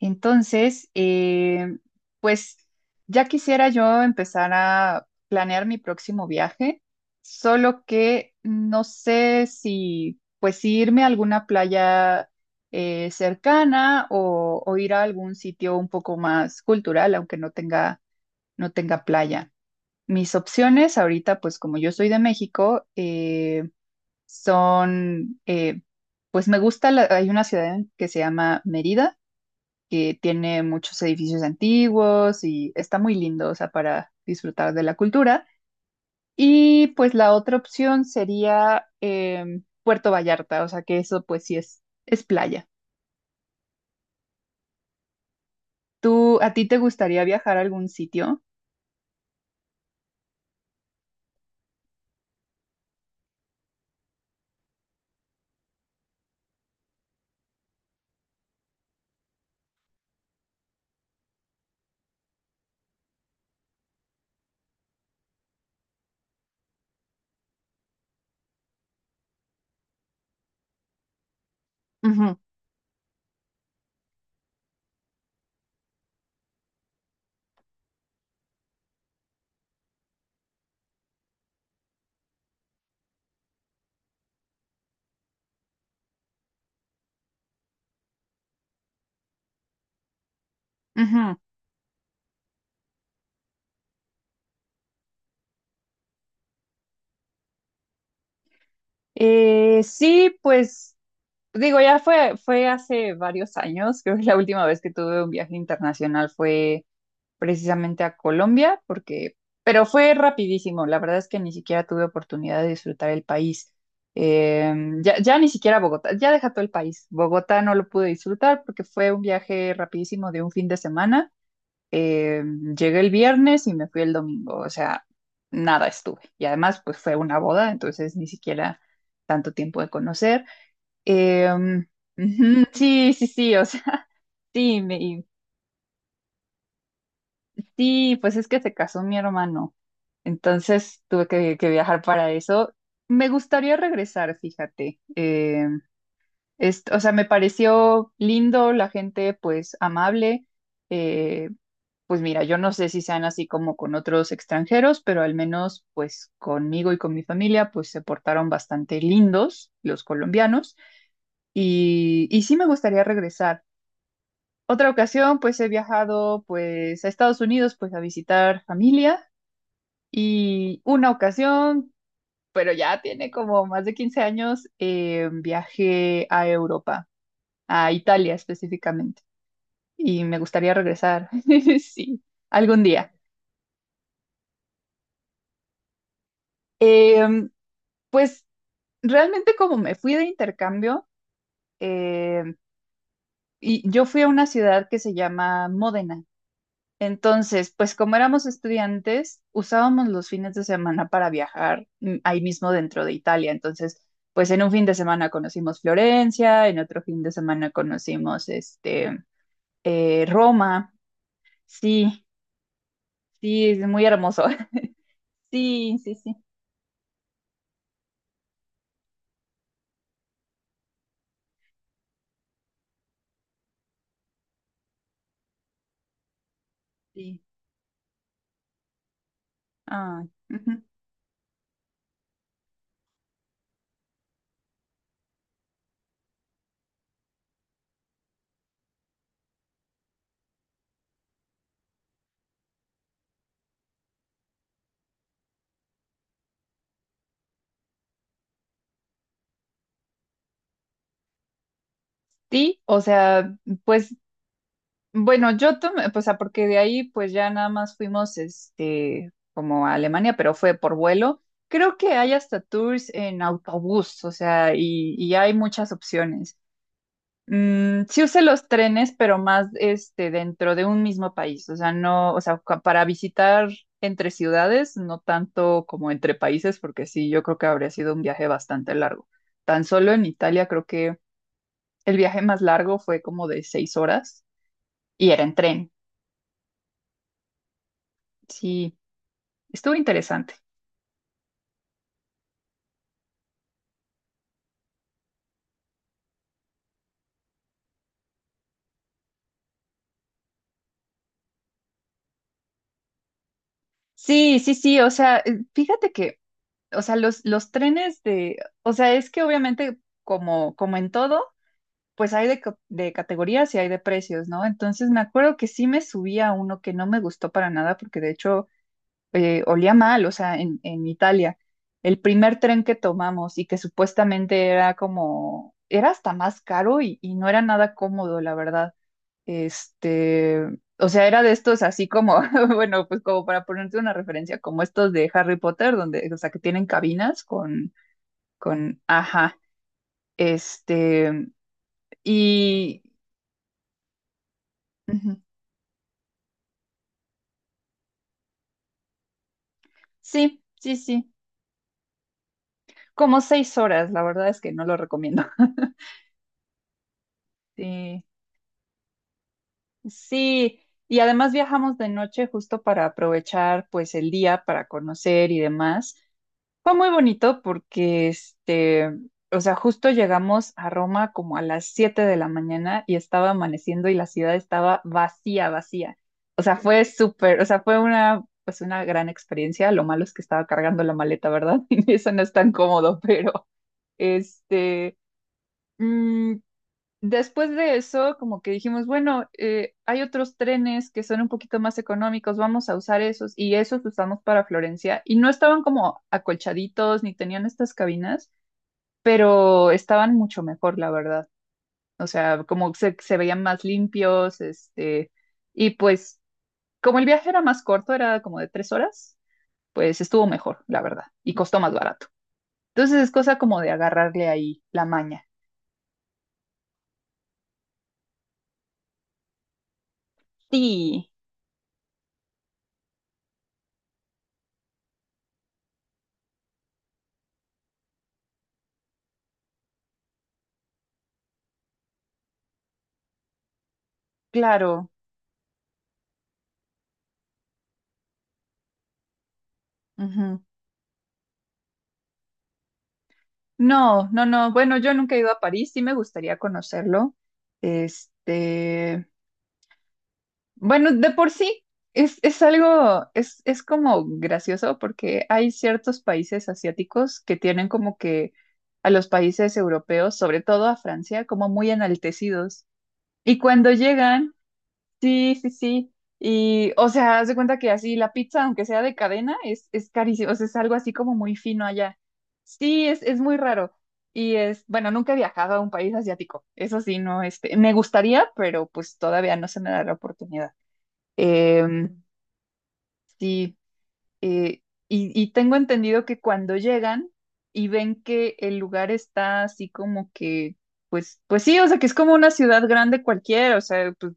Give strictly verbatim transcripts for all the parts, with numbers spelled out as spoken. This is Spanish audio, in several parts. Entonces, eh, pues ya quisiera yo empezar a planear mi próximo viaje, solo que no sé si pues si irme a alguna playa eh, cercana o, o ir a algún sitio un poco más cultural, aunque no tenga, no tenga playa. Mis opciones ahorita, pues como yo soy de México, eh, son, eh, pues me gusta, la- hay una ciudad que se llama Mérida que tiene muchos edificios antiguos y está muy lindo, o sea, para disfrutar de la cultura. Y pues la otra opción sería em, Puerto Vallarta, o sea, que eso pues sí es, es playa. ¿Tú, a ti te gustaría viajar a algún sitio? Ujú, ujú. Eh, sí, pues digo, ya fue, fue hace varios años, creo que la última vez que tuve un viaje internacional fue precisamente a Colombia, porque, pero fue rapidísimo, la verdad es que ni siquiera tuve oportunidad de disfrutar el país. Eh, ya, ya ni siquiera Bogotá, ya deja todo el país. Bogotá no lo pude disfrutar porque fue un viaje rapidísimo de un fin de semana. Eh, Llegué el viernes y me fui el domingo, o sea, nada estuve. Y además, pues fue una boda, entonces ni siquiera tanto tiempo de conocer. Eh, Ujú, sí, sí, sí, o sea, sí, me- y- sí, pues es que se casó mi hermano. Entonces tuve que, que viajar para eso. Me gustaría regresar, fíjate. Eh, es- o sea, me pareció lindo, la gente pues amable. Eh, pues mira, yo no sé si sean así como con otros extranjeros, pero al menos pues conmigo y con mi familia pues se portaron bastante lindos los colombianos y, y sí me gustaría regresar. Otra ocasión pues he viajado pues a Estados Unidos pues a visitar familia. Y una ocasión pero ya tiene como más de quince años, eh, viajé a Europa, a Italia específicamente, y me gustaría regresar, sí, algún día. Eh, pues realmente como me fui de intercambio, eh, y yo fui a una ciudad que se llama Módena. Entonces, pues como éramos estudiantes, usábamos los fines de semana para viajar mm, ahí mismo dentro de Italia. Entonces, pues en un fin de semana conocimos Florencia, en otro fin de semana conocimos este eh, Roma. Sí, sí, es muy hermoso. Sí, sí, sí, sí. Ah, ujú. Sí, o sea, pues bueno, yo tomé, pues, ah, porque de ahí pues ya nada más fuimos este como a Alemania, pero fue por vuelo. Creo que hay hasta tours en autobús, o sea, y, y hay muchas opciones. Mm, sí usé los trenes, pero más este dentro de un mismo país, o sea, no, o sea, ca- para visitar entre ciudades, no tanto como entre países, porque sí, yo creo que habría sido un viaje bastante largo. Tan solo en Italia creo que el viaje más largo fue como de seis horas y era en tren. Sí, estuvo interesante. Sí, sí, sí, o sea, eh, fíjate que, o sea, los, los trenes de, o sea, es que obviamente como, como en todo, pues hay de, ca- de categorías y hay de precios, ¿no? Entonces me acuerdo que sí me subí a uno que no me gustó para nada porque de hecho eh, olía mal, o sea, en, en Italia, el primer tren que tomamos y que supuestamente era como, era hasta más caro y, y no era nada cómodo, la verdad. Este, o sea, era de estos así como, bueno, pues como para ponerte una referencia, como estos de Harry Potter, donde, o sea, que tienen cabinas con, con, ajá, este, y, ujú, sí, sí, sí, como seis horas, la verdad es que no lo recomiendo. Sí, sí, y además viajamos de noche justo para aprovechar pues el día para conocer y demás. Fue muy bonito porque, este, o sea, justo llegamos a Roma como a las siete de la mañana y estaba amaneciendo y la ciudad estaba vacía, vacía. O sea, fue súper, o sea, fue una, pues una gran experiencia. Lo malo es que estaba cargando la maleta, ¿verdad? Y eso no es tan cómodo, pero, este, mm, después de eso, como que dijimos, bueno, eh, hay otros trenes que son un poquito más económicos, vamos a usar esos y esos usamos para Florencia. Y no estaban como acolchaditos ni tenían estas cabinas, pero estaban mucho mejor, la verdad. O sea, como se, se veían más limpios, este, y pues como el viaje era más corto, era como de tres horas, pues estuvo mejor, la verdad, y costó más barato. Entonces es cosa como de agarrarle ahí la maña. Sí, claro. Ujú. No, no, no. Bueno, yo nunca he ido a París, sí me gustaría conocerlo. Este, bueno, de por sí es, es algo, es, es como gracioso porque hay ciertos países asiáticos que tienen como que a los países europeos, sobre todo a Francia, como muy enaltecidos. Y cuando llegan. Sí, sí, sí. Y, o sea, haz de cuenta que así la pizza, aunque sea de cadena, es, es carísimo. O sea, es algo así como muy fino allá. Sí, es, es muy raro. Y es, bueno, nunca he viajado a un país asiático. Eso sí, no, este, me gustaría, pero pues todavía no se me da la oportunidad. Em, sí. Eh, y, y tengo entendido que cuando llegan y ven que el lugar está así como que, pues, pues sí, o sea, que es como una ciudad grande cualquiera, o sea, pues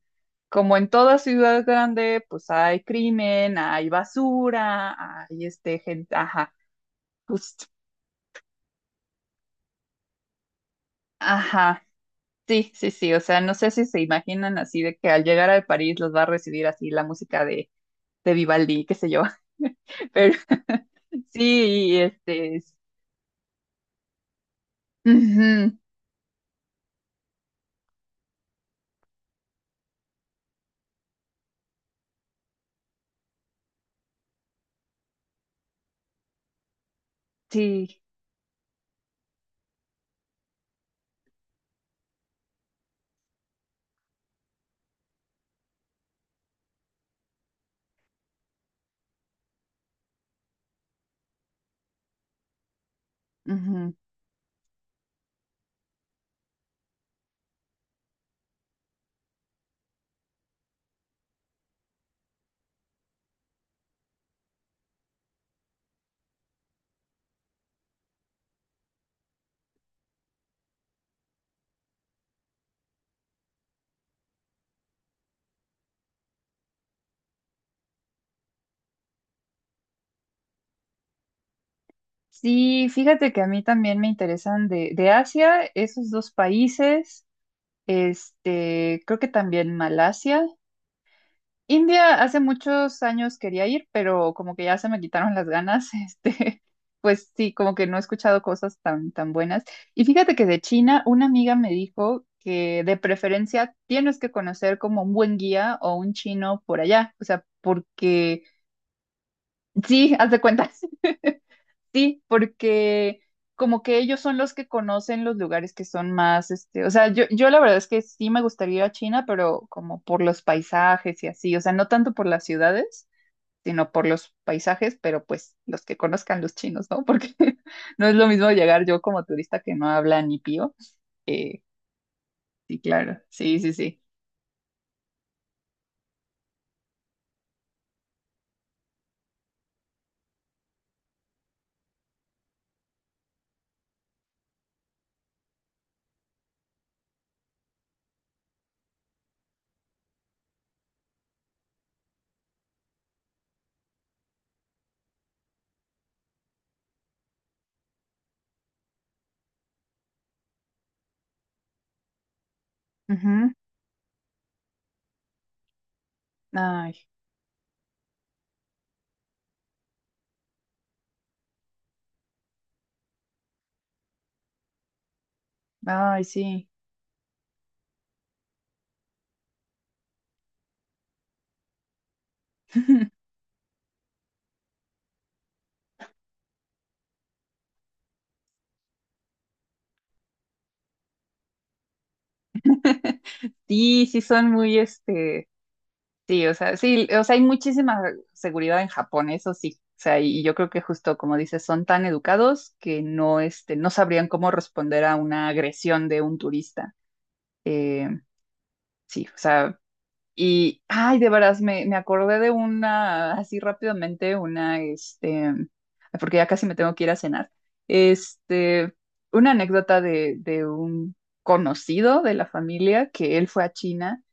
como en toda ciudad grande, pues hay crimen, hay basura, hay este gente, ajá, justo, ajá. Sí, sí, sí, o sea, no sé si se imaginan así de que al llegar a París los va a recibir así la música de, de Vivaldi, qué sé yo, pero sí, este, es- Sí, ujú. Sí, fíjate que a mí también me interesan de, de Asia, esos dos países, este, creo que también Malasia. India hace muchos años quería ir, pero como que ya se me quitaron las ganas, este, pues sí, como que no he escuchado cosas tan, tan buenas. Y fíjate que de China, una amiga me dijo que de preferencia tienes que conocer como un buen guía o un chino por allá, o sea, porque sí, haz de cuenta. Sí, porque como que ellos son los que conocen los lugares que son más, este, o sea, yo, yo la verdad es que sí me gustaría ir a China, pero como por los paisajes y así, o sea, no tanto por las ciudades, sino por los paisajes, pero pues los que conozcan los chinos, ¿no? Porque no es lo mismo llegar yo como turista que no habla ni pío. Eh, sí, claro, sí, sí, sí. Ujú. Ay, ay, sí. Sí, sí son muy, este, sí, o sea, sí, o sea, hay muchísima seguridad en Japón, eso sí. O sea, y yo creo que justo como dices, son tan educados que no, este, no sabrían cómo responder a una agresión de un turista. Eh, sí, o sea, y, ay, de veras, me, me acordé de una, así rápidamente, una, este, porque ya casi me tengo que ir a cenar, este, una anécdota de, de un conocido de la familia que él fue a China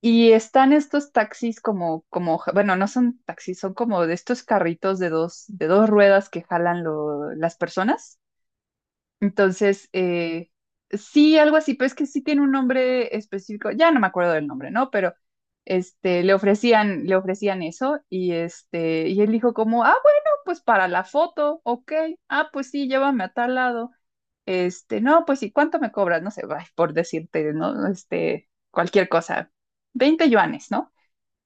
y están estos taxis como, como, ja- bueno, no son taxis, son como de estos carritos de dos, de dos ruedas que jalan lo- las personas. Entonces, eh, sí, algo así, pero es que sí tiene un nombre específico, ya no me acuerdo del nombre, ¿no? Pero este, le ofrecían, le ofrecían eso, y este, y él dijo como, ah, bueno, pues para la foto, ok, ah, pues sí, llévame a tal lado. Este, no, pues, sí ¿cuánto me cobras? No sé, ay, por decirte, ¿no? Este, cualquier cosa. Veinte yuanes, ¿no?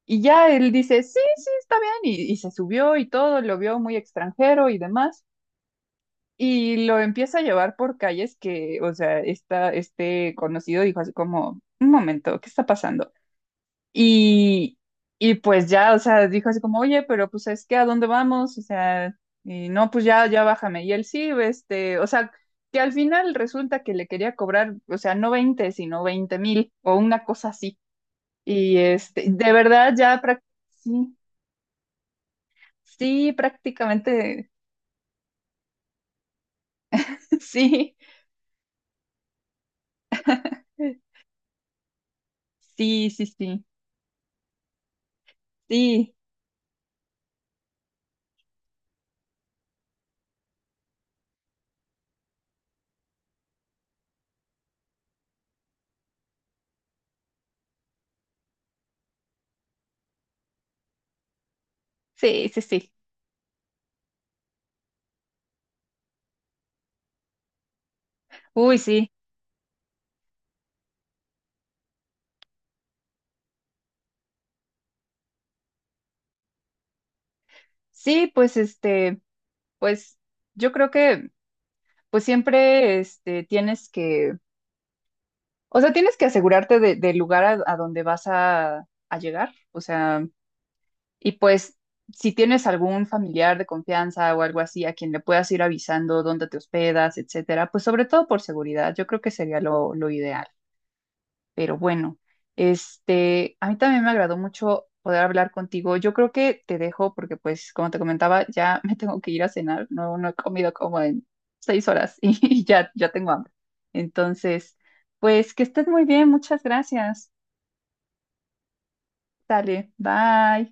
Y ya él dice, sí, sí, está bien, y, y se subió y todo, lo vio muy extranjero y demás, y lo empieza a llevar por calles que, o sea, esta, este conocido dijo así como, un momento, ¿qué está pasando? Y, y pues ya, o sea, dijo así como, oye, pero pues es que ¿a dónde vamos? O sea, y no, pues ya, ya bájame. Y él sí, este, o sea, que al final resulta que le quería cobrar, o sea, no veinte sino veinte mil o una cosa así. Y este, de verdad ya prácticamente... Sí, prácticamente, sí, sí, sí, sí, sí, sí, sí, sí. Uy, sí, sí, pues este, pues yo creo que pues siempre este, tienes que, o sea, tienes que asegurarte de- del lugar a, a donde vas a, a llegar, o sea, y pues si tienes algún familiar de confianza o algo así a quien le puedas ir avisando dónde te hospedas, etcétera, pues sobre todo por seguridad, yo creo que sería lo, lo ideal. Pero bueno, este, a mí también me agradó mucho poder hablar contigo. Yo creo que te dejo porque, pues, como te comentaba, ya me tengo que ir a cenar. No, no he comido como en seis horas y ya, ya tengo hambre. Entonces, pues, que estés muy bien. Muchas gracias. Dale, bye.